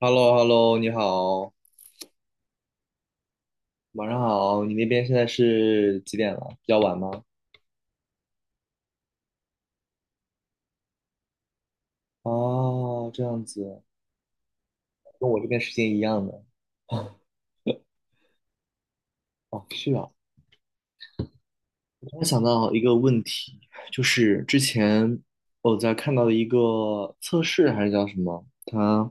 h e l l o h e l l o 你好，晚上好。你那边现在是几点了？比较晚吗？哦，这样子，跟我这边时间一样的。哦，是啊。我突然想到一个问题，就是之前我在看到的一个测试还是叫什么，它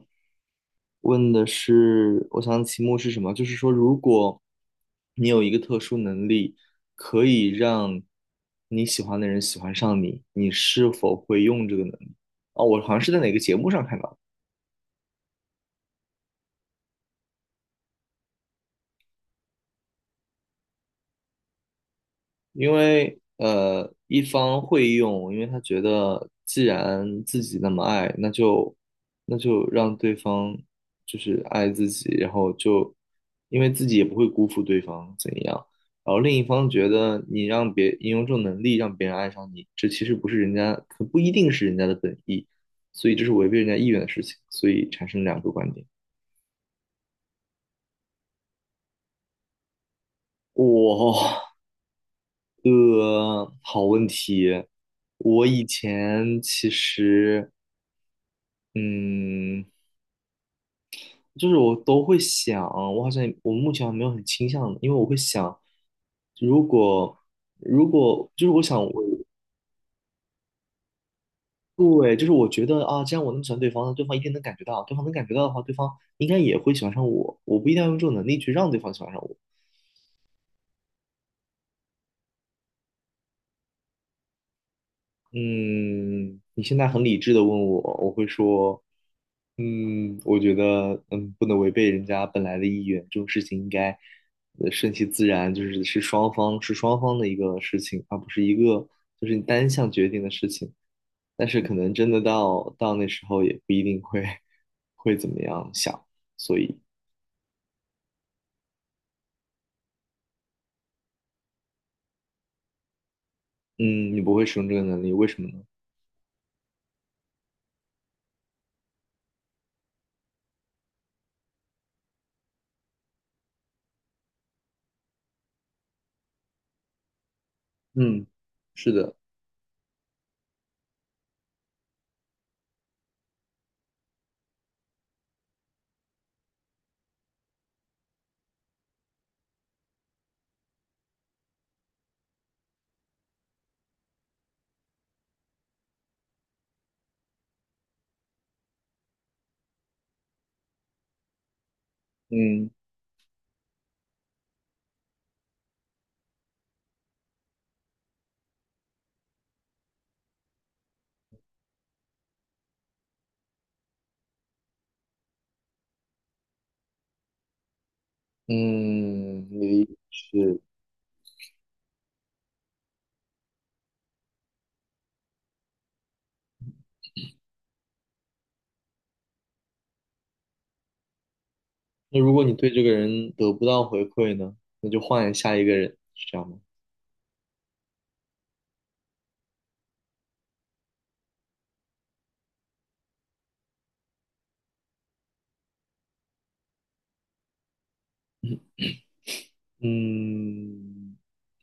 问的是，我想题目是什么？就是说，如果你有一个特殊能力，可以让你喜欢的人喜欢上你，你是否会用这个能力？哦，我好像是在哪个节目上看到的。因为一方会用，因为他觉得既然自己那么爱，那就让对方就是爱自己，然后就因为自己也不会辜负对方怎样。然后另一方觉得你让别你用这种能力让别人爱上你，这其实不是人家，可不一定是人家的本意，所以这是违背人家意愿的事情，所以产生两个观点。哇，好问题。我以前其实。嗯，就是我都会想，我好像我目前还没有很倾向的，因为我会想，如果如果就是我想我对，就是我觉得啊，既然我那么喜欢对方，那对方一定能感觉到，对方能感觉到的话，对方应该也会喜欢上我。我不一定要用这种能力去让对方喜欢上我，嗯，你现在很理智的问我，我会说，嗯，我觉得，不能违背人家本来的意愿，这种事情应该，顺其自然，就是是双方的一个事情，而不是一个就是你单向决定的事情。但是可能真的到那时候也不一定会 会怎么样想，所以，嗯，你不会使用这个能力，为什么呢？嗯，是的，嗯嗯，你是。那如果你对这个人得不到回馈呢，那就换下一个人，是这样吗？嗯，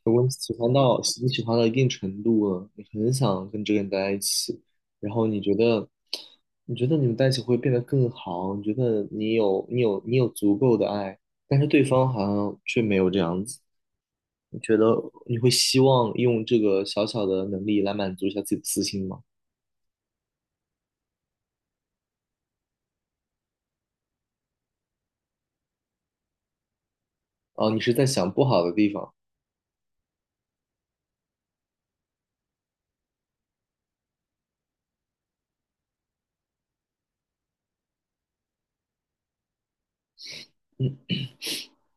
如果你喜欢到一定程度了，你很想跟这个人待在一起，然后你觉得你觉得你们在一起会变得更好，你觉得你有足够的爱，但是对方好像却没有这样子，你觉得你会希望用这个小小的能力来满足一下自己的私心吗？哦，你是在想不好的地方。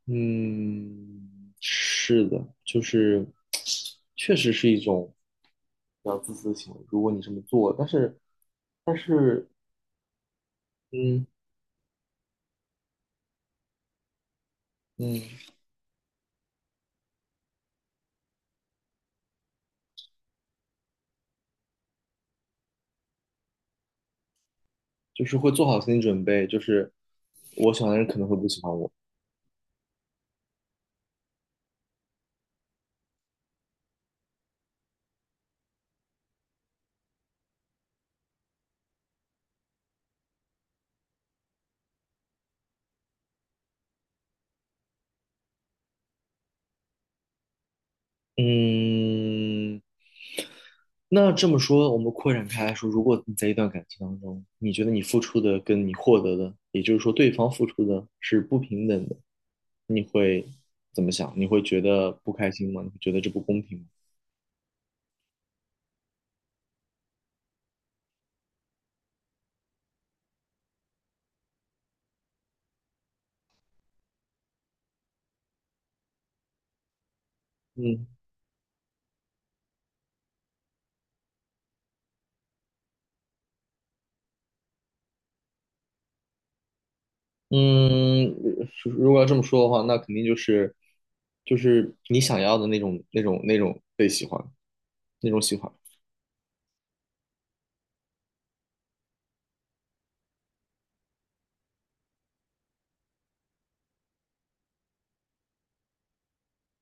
嗯，是的，就是确实是一种比较自私的行为。如果你这么做，但是,嗯嗯，就是会做好心理准备，就是我喜欢的人可能会不喜欢我。嗯，那这么说，我们扩展开来说，如果你在一段感情当中，你觉得你付出的跟你获得的，也就是说对方付出的是不平等的，你会怎么想？你会觉得不开心吗？你会觉得这不公平吗？嗯。嗯，如果要这么说的话，那肯定就是就是你想要的那种被喜欢，那种喜欢。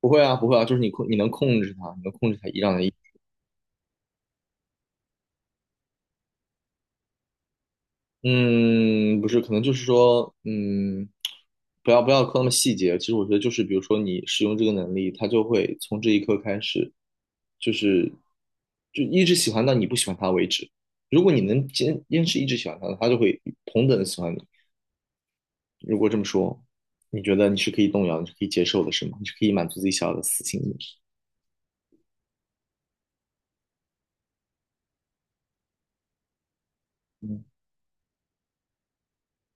不会啊，不会啊，就是你能控制它，你能控制它一让它一。嗯，不是，可能就是说，嗯，不要抠那么细节。其实我觉得就是，比如说你使用这个能力，它就会从这一刻开始，就是就一直喜欢到你不喜欢它为止。如果你能坚持一直喜欢它，它就会同等的喜欢你。如果这么说，你觉得你是可以动摇，你是可以接受的，是吗？你是可以满足自己想要的私心的。嗯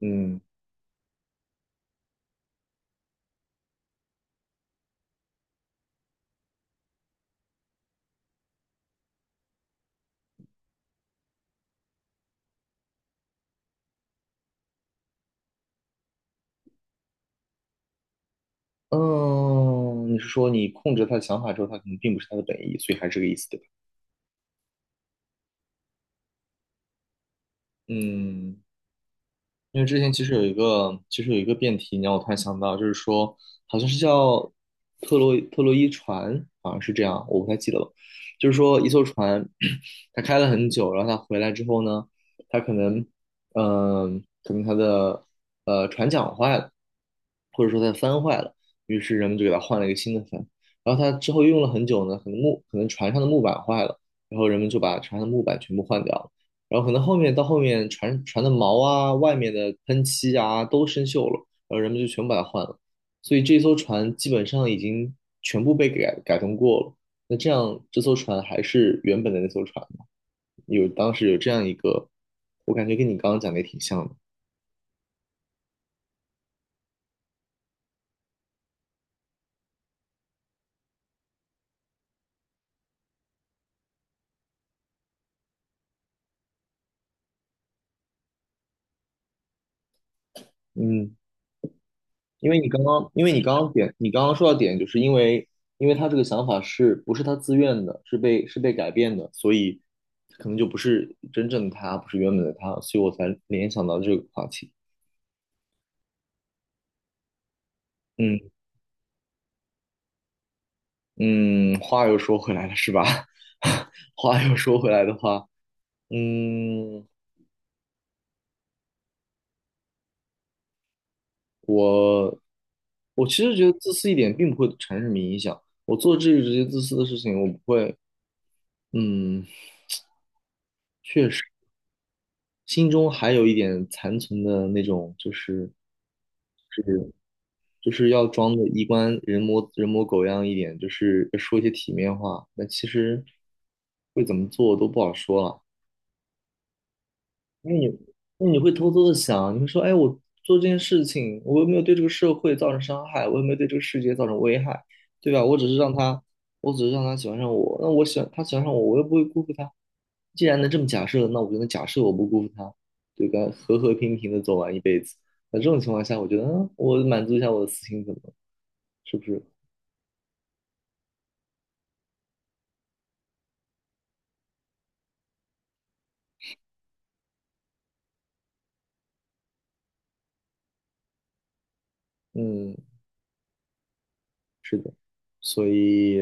嗯嗯，你是说你控制他的想法之后，他可能并不是他的本意，所以还是这个意思，对吧？嗯。因为之前其实有一个，其实有一个辩题，你让我突然想到，就是说，好像是叫特洛伊船，好像是这样，我不太记得了。就是说，一艘船，它开了很久，然后它回来之后呢，它可能，嗯、可能它的船桨坏了，或者说它的帆坏了，于是人们就给它换了一个新的帆。然后它之后用了很久呢，可能木，可能船上的木板坏了，然后人们就把船上的木板全部换掉。了。然后可能后面到后面船的毛啊、外面的喷漆啊都生锈了，然后人们就全部把它换了，所以这艘船基本上已经全部被改动过了。那这样这艘船还是原本的那艘船吗？有当时有这样一个，我感觉跟你刚刚讲的也挺像的。嗯。因为你刚刚，因为你刚刚点，你刚刚说到点，就是因为，因为他这个想法是不是他自愿的，是被改变的，所以可能就不是真正的他，不是原本的他，所以我才联想到这个话题。嗯嗯，话又说回来了，是吧？话又说回来的话，嗯，我我其实觉得自私一点并不会产生什么影响。我做这些自私的事情，我不会，嗯，心中还有一点残存的那种，就是。就是要装的衣冠人模狗样一点，就是说一些体面话。那其实会怎么做都不好说了，因为你，那你会偷偷的想，你会说，哎，我做这件事情，我又没有对这个社会造成伤害，我又没有对这个世界造成危害，对吧？我只是让他喜欢上我，那我喜欢他喜欢上我，我又不会辜负他。既然能这么假设，那我就能假设我不辜负他，对吧？和和平平的走完一辈子。那这种情况下，我觉得，嗯，我满足一下我的私心，怎么了是不是？嗯，是的，所以，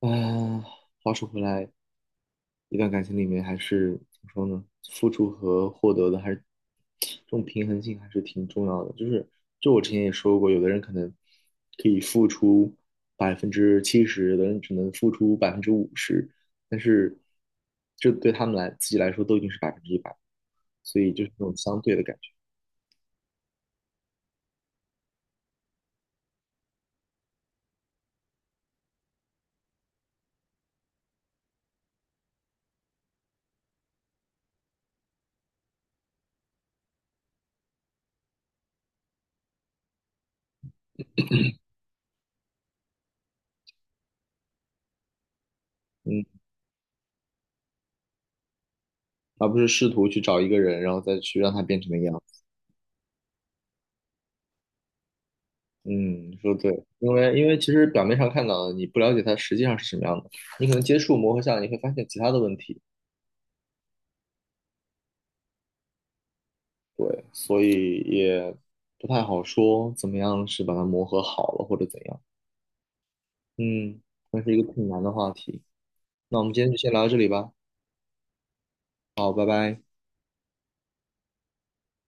啊，话说回来，一段感情里面还是怎么说呢？付出和获得的还是这种平衡性还是挺重要的。就是，就我之前也说过，有的人可能可以付出70%，有的人只能付出50%，但是这对他们自己来说都已经是100%，所以就是那种相对的感觉，嗯，而不是试图去找一个人，然后再去让他变成那个样子。嗯，说对，因为因为其实表面上看到的，你不了解它实际上是什么样的，你可能接触磨合下来，你会发现其他的问题，对，所以也不太好说怎么样是把它磨合好了或者怎样，嗯，那是一个挺难的话题，那我们今天就先聊到这里吧，好，拜拜。